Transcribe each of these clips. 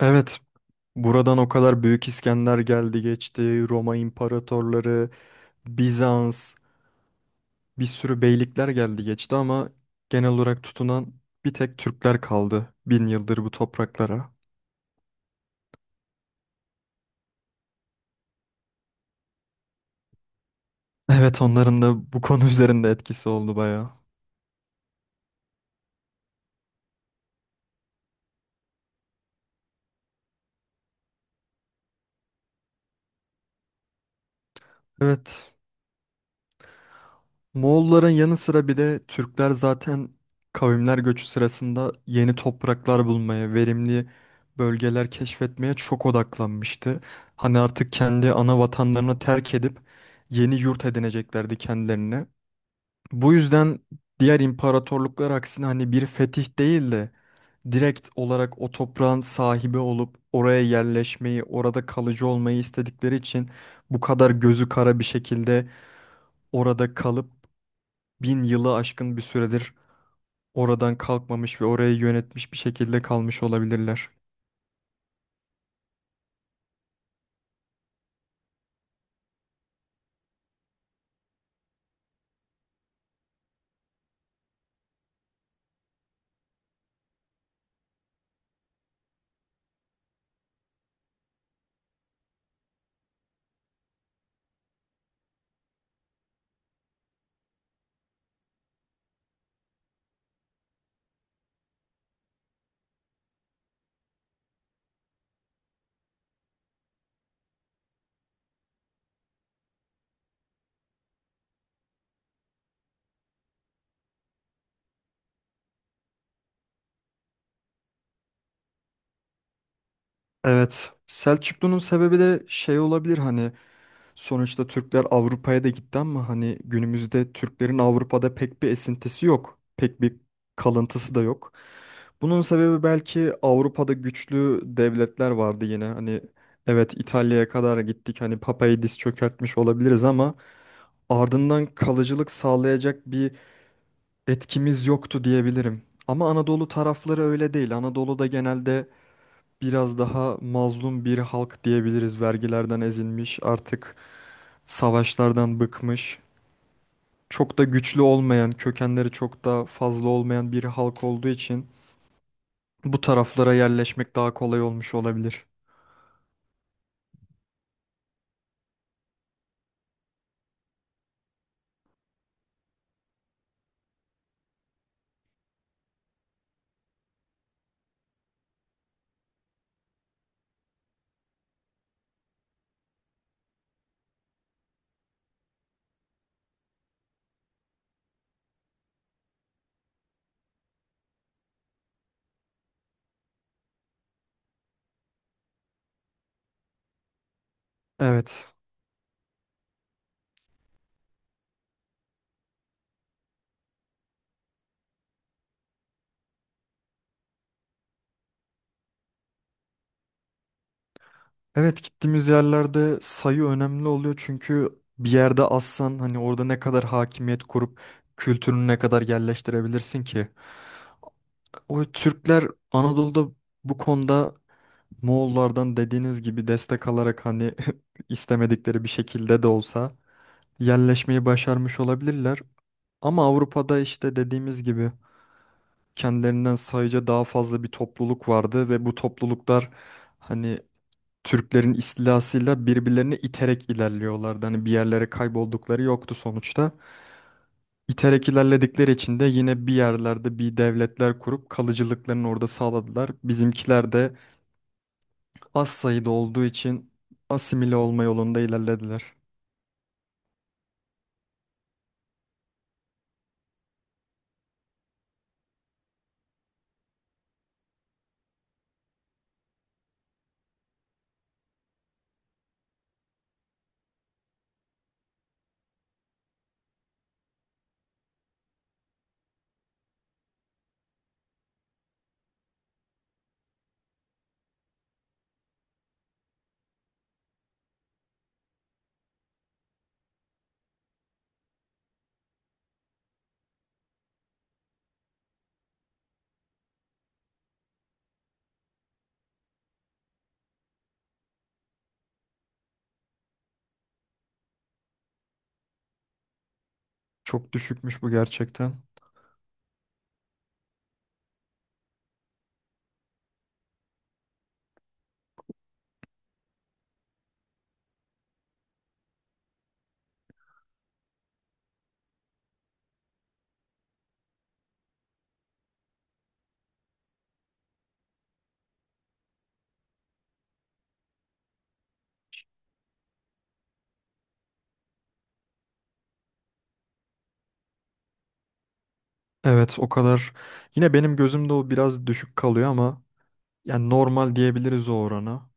Evet, buradan o kadar Büyük İskender geldi geçti, Roma imparatorları, Bizans, bir sürü beylikler geldi geçti ama genel olarak tutunan bir tek Türkler kaldı 1000 yıldır bu topraklara. Evet, onların da bu konu üzerinde etkisi oldu bayağı. Evet, Moğolların yanı sıra bir de Türkler zaten kavimler göçü sırasında yeni topraklar bulmaya, verimli bölgeler keşfetmeye çok odaklanmıştı. Hani artık kendi ana vatanlarını terk edip yeni yurt edineceklerdi kendilerine. Bu yüzden diğer imparatorluklar aksine hani bir fetih değil de direkt olarak o toprağın sahibi olup oraya yerleşmeyi, orada kalıcı olmayı istedikleri için bu kadar gözü kara bir şekilde orada kalıp 1000 yılı aşkın bir süredir oradan kalkmamış ve orayı yönetmiş bir şekilde kalmış olabilirler. Evet, Selçuklu'nun sebebi de şey olabilir hani sonuçta Türkler Avrupa'ya da gitti ama hani günümüzde Türklerin Avrupa'da pek bir esintisi yok. Pek bir kalıntısı da yok. Bunun sebebi belki Avrupa'da güçlü devletler vardı yine. Hani evet İtalya'ya kadar gittik. Hani Papa'yı diz çökertmiş olabiliriz ama ardından kalıcılık sağlayacak bir etkimiz yoktu diyebilirim. Ama Anadolu tarafları öyle değil. Anadolu'da genelde biraz daha mazlum bir halk diyebiliriz. Vergilerden ezilmiş, artık savaşlardan bıkmış. Çok da güçlü olmayan, kökenleri çok da fazla olmayan bir halk olduğu için bu taraflara yerleşmek daha kolay olmuş olabilir. Evet. Evet, gittiğimiz yerlerde sayı önemli oluyor çünkü bir yerde azsan hani orada ne kadar hakimiyet kurup kültürünü ne kadar yerleştirebilirsin ki? O Türkler Anadolu'da bu konuda Moğollardan dediğiniz gibi destek alarak hani istemedikleri bir şekilde de olsa yerleşmeyi başarmış olabilirler. Ama Avrupa'da işte dediğimiz gibi kendilerinden sayıca daha fazla bir topluluk vardı ve bu topluluklar hani Türklerin istilasıyla birbirlerini iterek ilerliyorlardı. Hani bir yerlere kayboldukları yoktu sonuçta. İterek ilerledikleri için de yine bir yerlerde bir devletler kurup kalıcılıklarını orada sağladılar. Bizimkiler de az sayıda olduğu için asimile olma yolunda ilerlediler. Çok düşükmüş bu gerçekten. Evet, o kadar. Yine benim gözümde o biraz düşük kalıyor ama yani normal diyebiliriz o orana.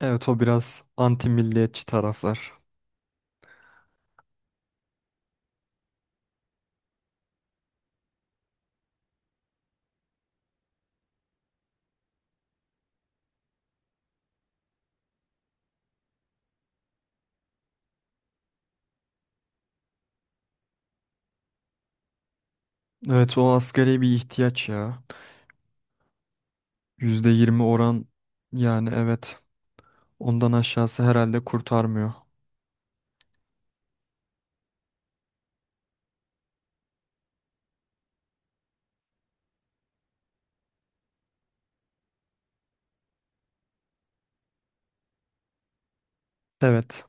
Evet, o biraz anti milliyetçi taraflar. Evet, o asgari bir ihtiyaç ya. %20 oran, yani evet, ondan aşağısı herhalde kurtarmıyor. Evet.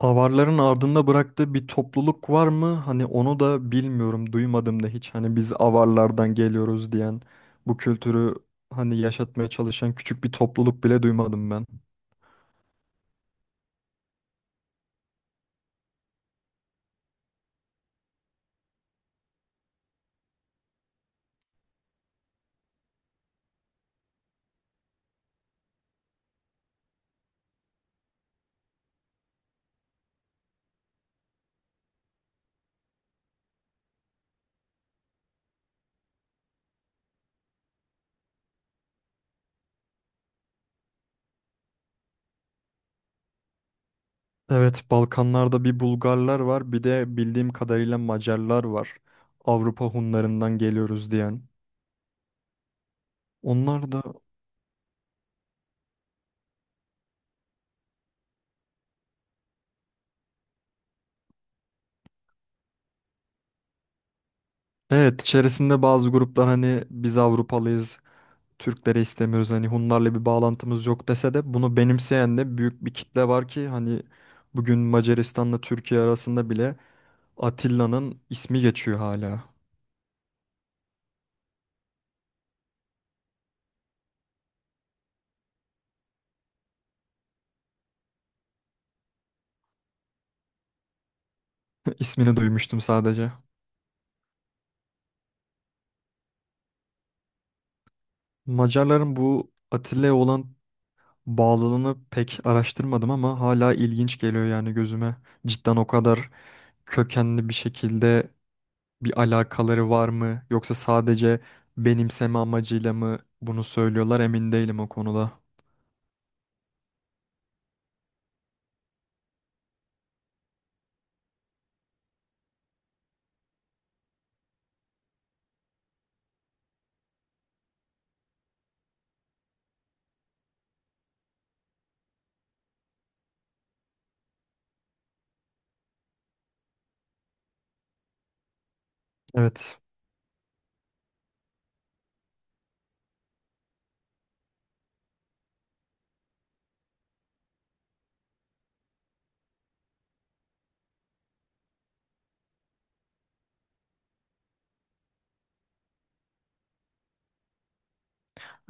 Avarların ardında bıraktığı bir topluluk var mı? Hani onu da bilmiyorum, duymadım da hiç. Hani biz avarlardan geliyoruz diyen, bu kültürü hani yaşatmaya çalışan küçük bir topluluk bile duymadım ben. Evet, Balkanlarda bir Bulgarlar var, bir de bildiğim kadarıyla Macarlar var. Avrupa Hunlarından geliyoruz diyen. Onlar da evet içerisinde bazı gruplar hani biz Avrupalıyız, Türkleri istemiyoruz, hani Hunlarla bir bağlantımız yok dese de bunu benimseyen de büyük bir kitle var ki hani bugün Macaristan'la Türkiye arasında bile Atilla'nın ismi geçiyor hala. İsmini duymuştum sadece. Macarların bu Atilla'ya olan bağlılığını pek araştırmadım ama hala ilginç geliyor yani gözüme. Cidden o kadar kökenli bir şekilde bir alakaları var mı yoksa sadece benimseme amacıyla mı bunu söylüyorlar, emin değilim o konuda. Evet.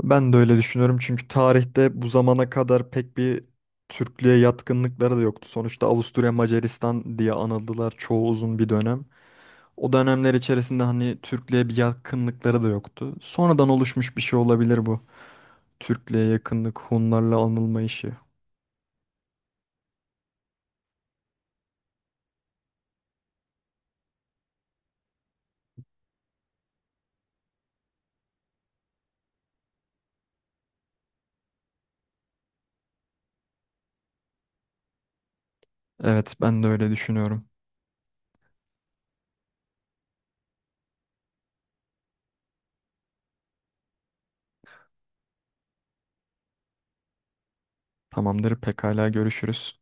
Ben de öyle düşünüyorum çünkü tarihte bu zamana kadar pek bir Türklüğe yatkınlıkları da yoktu. Sonuçta Avusturya Macaristan diye anıldılar çoğu uzun bir dönem. O dönemler içerisinde hani Türklüğe bir yakınlıkları da yoktu. Sonradan oluşmuş bir şey olabilir bu. Türklüğe yakınlık, Hunlarla anılma işi. Evet, ben de öyle düşünüyorum. Tamamdır, pekala görüşürüz.